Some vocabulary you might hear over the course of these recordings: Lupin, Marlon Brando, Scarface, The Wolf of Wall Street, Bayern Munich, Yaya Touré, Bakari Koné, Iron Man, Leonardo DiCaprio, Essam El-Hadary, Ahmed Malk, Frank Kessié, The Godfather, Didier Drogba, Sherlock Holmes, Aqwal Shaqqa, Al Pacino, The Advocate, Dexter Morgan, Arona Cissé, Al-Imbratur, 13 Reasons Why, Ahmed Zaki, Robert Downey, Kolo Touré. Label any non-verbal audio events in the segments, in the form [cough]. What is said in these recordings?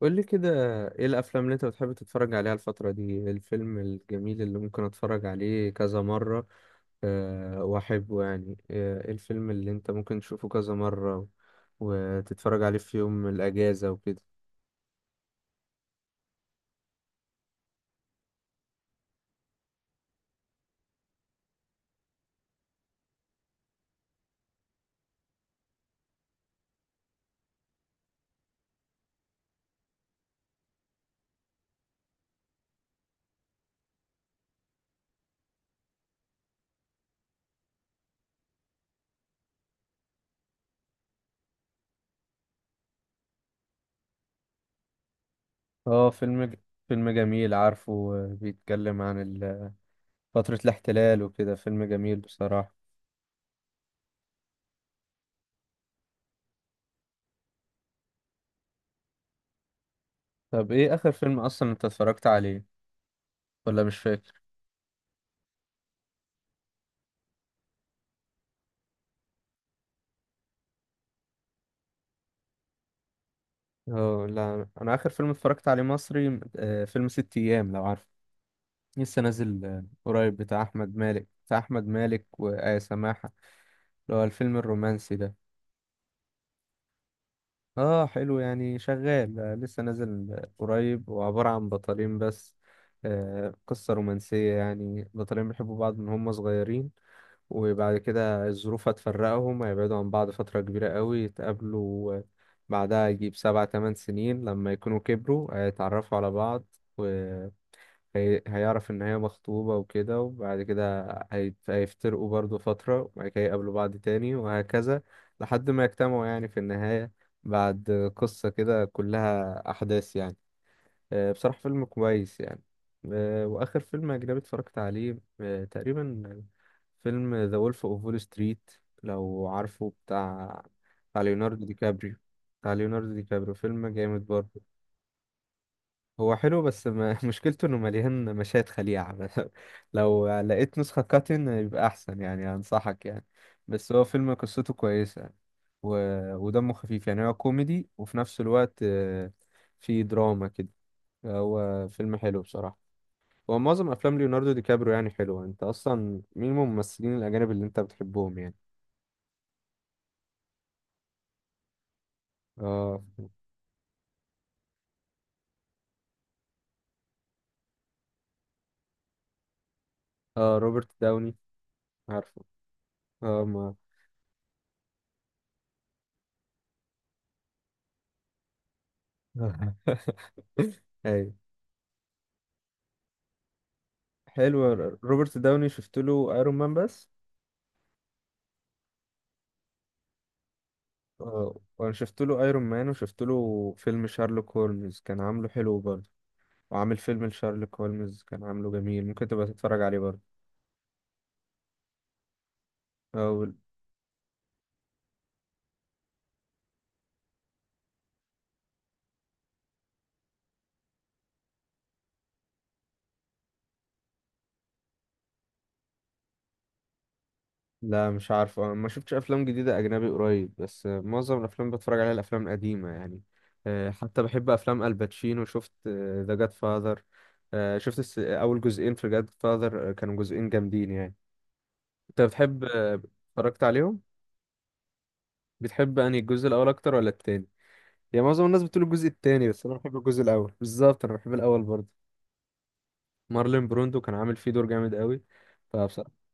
قول لي كده، ايه الافلام اللي انت بتحب تتفرج عليها الفترة دي؟ إيه الفيلم الجميل اللي ممكن اتفرج عليه كذا مرة أه واحبه ايه الفيلم اللي انت ممكن تشوفه كذا مرة وتتفرج عليه في يوم الاجازة وكده. اه فيلم فيلم جميل، عارفه، بيتكلم عن فترة الاحتلال وكده، فيلم جميل بصراحة. طب ايه اخر فيلم اصلا انت اتفرجت عليه ولا مش فاكر؟ اه لا، انا اخر فيلم اتفرجت عليه مصري، فيلم ست ايام، لو عارف، لسه نازل قريب، بتاع احمد مالك وآية سماحة، اللي هو الفيلم الرومانسي ده. اه حلو، يعني شغال، لسه نازل قريب، وعبارة عن بطلين بس، آه قصة رومانسية يعني، بطلين بيحبوا بعض من هم صغيرين، وبعد كده الظروف هتفرقهم، هيبعدوا عن بعض فترة كبيرة قوي، يتقابلوا بعدها يجيب سبع تمن سنين لما يكونوا كبروا، هيتعرفوا على بعض، هيعرف ان هي مخطوبة وكده، وبعد كده هيفترقوا برضو فترة، وبعد كده يقابلوا بعض تاني وهكذا، لحد ما يجتمعوا يعني في النهاية، بعد قصة كده كلها أحداث يعني. بصراحة فيلم كويس يعني. وآخر فيلم أجنبي اتفرجت عليه تقريبا فيلم ذا وولف اوف وول ستريت، لو عارفه، بتاع ليوناردو دي كابريو، بتاع ليوناردو دي كابريو، فيلم جامد برضه. هو حلو بس ما [laughs] مشكلته انه مليان مشاهد خليعة بس، [laughs] لو لقيت نسخة كاتن يبقى احسن يعني، انصحك يعني. بس هو فيلم قصته كويسة و... ودمه خفيف يعني، هو كوميدي وفي نفس الوقت في دراما كده، هو فيلم حلو بصراحة. هو معظم افلام ليوناردو دي كابريو يعني حلوة. انت اصلا مين من الممثلين الاجانب اللي انت بتحبهم يعني؟ اه، اه روبرت داوني، عارفه، اه ما [laughs] ايوه حلو. روبرت داوني شفت له ايرون مان بس، وانا شفت له ايرون مان، وشفت له فيلم شارلوك هولمز كان عامله حلو برضه، وعامل فيلم لشارلوك هولمز كان عامله جميل، ممكن تبقى تتفرج عليه برضه. أو لا، مش عارف، أنا ما شفتش افلام جديده اجنبي قريب، بس معظم الافلام بتفرج عليها الافلام القديمه يعني. حتى بحب افلام الباتشينو. شفت ذا جاد فاذر؟ شفت اول جزئين في جاد فاذر، كانوا جزئين جامدين يعني. انت بتحب اتفرجت عليهم، بتحب انهي الجزء الاول اكتر ولا التاني؟ يعني معظم الناس بتقول الجزء التاني، بس انا بحب الجزء الاول. بالظبط انا بحب الاول برضه. مارلين بروندو كان عامل فيه دور جامد قوي، فبصراحه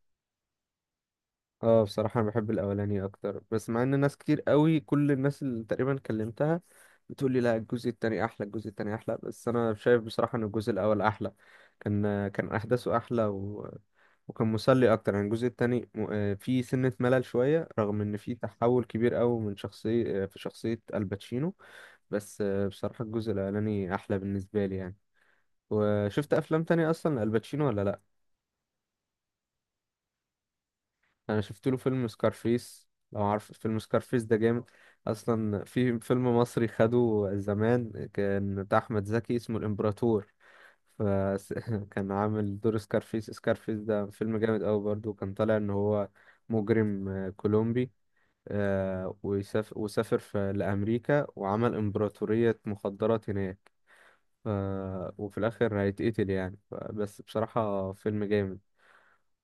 اه بصراحه انا بحب الاولاني اكتر، بس مع ان ناس كتير قوي، كل الناس اللي تقريبا كلمتها بتقول لي لا، الجزء التاني احلى، الجزء التاني احلى، بس انا شايف بصراحه ان الجزء الاول احلى. كان احداثه احلى وكان مسلي اكتر يعني. الجزء التاني فيه سنه ملل شويه، رغم ان فيه تحول كبير قوي من شخصيه في شخصيه الباتشينو، بس بصراحة الجزء الأولاني أحلى بالنسبة لي يعني. وشفت أفلام تانية أصلا لألباتشينو ولا لأ؟ أنا شفت له فيلم سكارفيس، لو عارف فيلم سكارفيس، ده جامد أصلا. في فيلم مصري خده زمان كان بتاع أحمد زكي اسمه الإمبراطور، فكان [laughs] عامل دور سكارفيس. سكارفيس ده فيلم جامد أوي برضه، كان طالع إن هو مجرم كولومبي، ويسافر، وسافر في لأمريكا وعمل إمبراطورية مخدرات هناك، ف... وفي الآخر هيتقتل يعني، بس بصراحة فيلم جامد.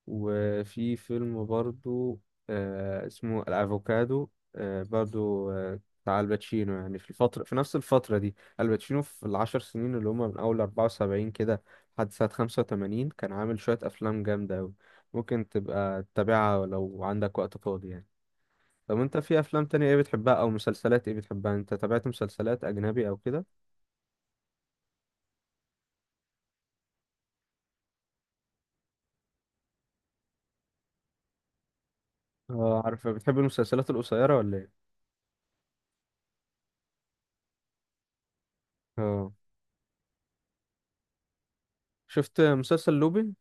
وفي فيلم برضو آه اسمه الأفوكادو، آه برضو آه بتاع الباتشينو يعني في الفترة، في نفس الفترة دي الباتشينو، في العشر سنين اللي هما من أول أربعة وسبعين كده لحد سنة خمسة وتمانين، كان عامل شوية أفلام جامدة أوي، ممكن تبقى تتابعها لو عندك وقت فاضي يعني. طب انت في افلام تانية ايه بتحبها او مسلسلات ايه بتحبها؟ انت تابعت مسلسلات اجنبي او كده؟ اه عارف، بتحب المسلسلات القصيرة ولا؟ اه شفت مسلسل لوبي؟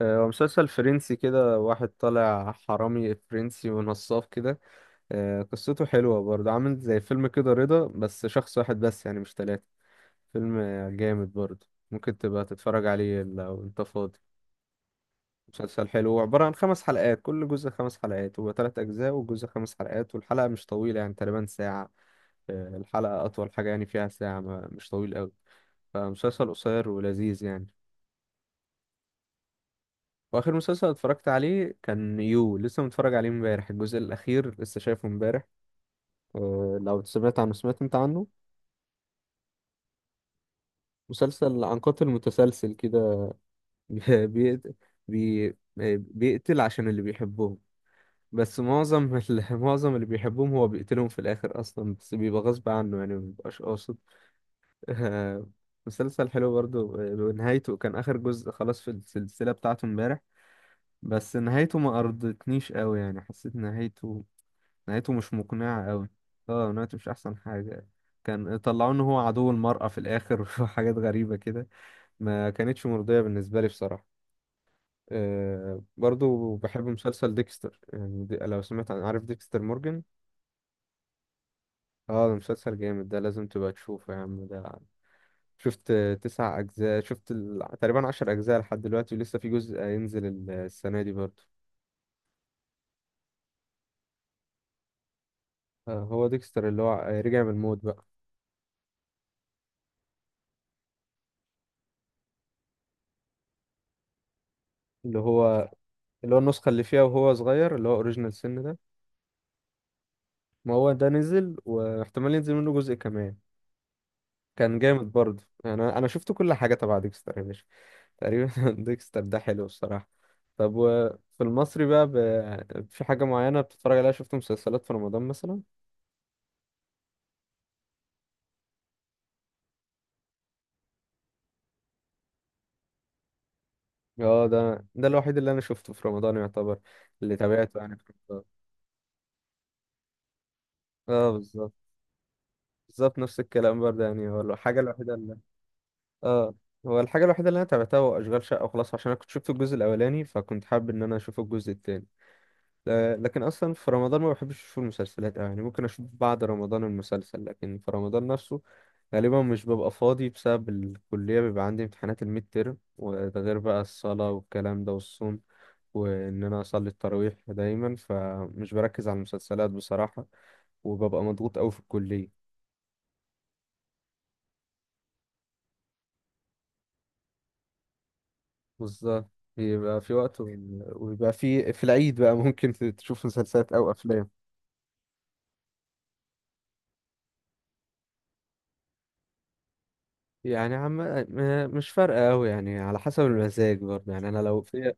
هو مسلسل فرنسي كده، واحد طالع حرامي فرنسي ونصاب كده، قصته حلوة برضه، عامل زي فيلم كده رضا بس شخص واحد بس يعني مش ثلاثة، فيلم جامد برضه، ممكن تبقى تتفرج عليه لو انت فاضي. مسلسل حلو، هو عبارة عن خمس حلقات، كل جزء خمس حلقات، هو تلات أجزاء، والجزء خمس حلقات، والحلقة مش طويلة يعني تقريبا ساعة. الحلقة أطول حاجة يعني فيها ساعة، مش طويل أوي، فمسلسل قصير ولذيذ يعني. واخر مسلسل اتفرجت عليه كان يو، لسه متفرج عليه امبارح، الجزء الاخير لسه شايفه امباريح. أه لو سمعت عنه، سمعت انت عنه؟ مسلسل عن قاتل متسلسل كده، [laughs] بيقتل، بي آه، بيقتل عشان اللي بيحبهم، بس معظم [laughs] معظم اللي بيحبهم هو بيقتلهم في الاخر اصلا، بس بيبقى غصب عنه يعني، ما بيبقاش قاصد. [laughs] أه، مسلسل حلو برضه. نهايته، كان اخر جزء خلاص في السلسلة بتاعته امبارح، بس نهايته ما ارضتنيش قوي، يعني حسيت نهايته، نهايته مش مقنعة قوي. اه نهايته مش احسن حاجة، كان طلعوا ان هو عدو المرأة في الاخر [laughs] وحاجات غريبة كده، ما كانتش مرضية بالنسبة لي بصراحة. أه برضو بحب مسلسل ديكستر يعني، دي لو سمعت عن، عارف ديكستر مورجان؟ اه ده مسلسل جامد، ده لازم تبقى تشوفه يا عم ده. شفت تسع أجزاء، شفت تقريبا عشر أجزاء لحد دلوقتي، ولسه في جزء ينزل السنة دي برضه. هو ديكستر اللي هو رجع من الموت بقى، اللي هو اللي هو النسخة اللي فيها وهو صغير، اللي هو أوريجينال سن ده، ما هو ده نزل، واحتمال ينزل منه جزء كمان. كان جامد برضه يعني، انا أنا شفت كل حاجه تبع ديكستر يا باشا تقريبا. [laughs] ديكستر ده حلو الصراحه. طب وفي المصري بقى في حاجه معينه بتتفرج عليها؟ شفت مسلسلات في رمضان مثلا؟ اه ده الوحيد اللي انا شفته في رمضان يعتبر، اللي تابعته يعني في رمضان. اه بالظبط، بالظبط نفس الكلام برضه يعني، هو الحاجه الوحيده اللي اه، هو الحاجه الوحيده اللي انا تابعتها هو اشغال شقه وخلاص، عشان انا كنت شفت الجزء الاولاني فكنت حابب ان انا اشوف الجزء التاني. لكن اصلا في رمضان ما بحبش اشوف المسلسلات أوي، يعني ممكن اشوف بعد رمضان المسلسل، لكن في رمضان نفسه غالبا مش ببقى فاضي بسبب الكلية، بيبقى عندي امتحانات الميد تيرم، وده غير بقى الصلاة والكلام ده والصوم، وان انا اصلي التراويح دايما، فمش بركز على المسلسلات بصراحة، وببقى مضغوط قوي في الكلية. بالظبط، بيبقى في وقت، وبيبقى في في العيد بقى ممكن تشوف مسلسلات او افلام. يعني مش فارقة أوي يعني، على حسب المزاج برضه يعني، أنا لو في،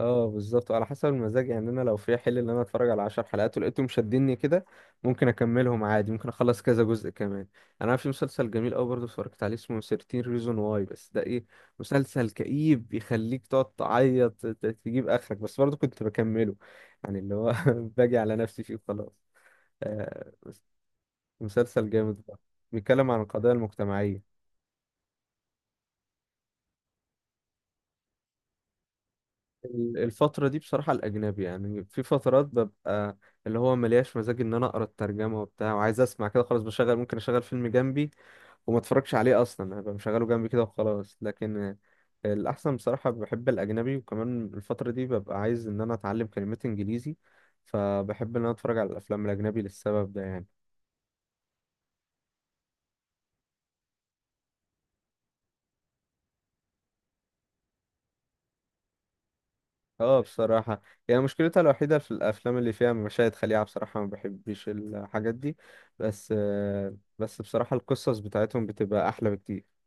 اه بالظبط على حسب المزاج يعني، أنا لو في حل إن أنا أتفرج على عشر حلقات ولقيتهم شدني كده ممكن أكملهم عادي، ممكن أخلص كذا جزء كمان يعني. أنا في مسلسل جميل أوي برضه اتفرجت عليه اسمه 13 ريزون واي، بس ده إيه، مسلسل كئيب بيخليك تقعد تعيط، تجيب آخرك، بس برضه كنت بكمله يعني، اللي هو [laughs] باجي على نفسي فيه وخلاص. آه، مسلسل جامد بقى. بيتكلم عن القضايا المجتمعية. الفترة دي بصراحة الأجنبي يعني، في فترات ببقى اللي هو ملياش مزاج إن أنا أقرأ الترجمة وبتاع، وعايز أسمع كده خلاص، بشغل، ممكن أشغل فيلم جنبي وما أتفرجش عليه أصلا، هبقى مشغله جنبي كده وخلاص. لكن الأحسن بصراحة بحب الأجنبي، وكمان الفترة دي ببقى عايز إن أنا أتعلم كلمات إنجليزي، فبحب إن أنا أتفرج على الأفلام الأجنبي للسبب ده يعني. اه بصراحة، يعني مشكلتها الوحيدة في الأفلام اللي فيها مشاهد خليعة، بصراحة ما بحبش الحاجات دي، بس بس بصراحة القصص بتاعتهم بتبقى أحلى بكتير.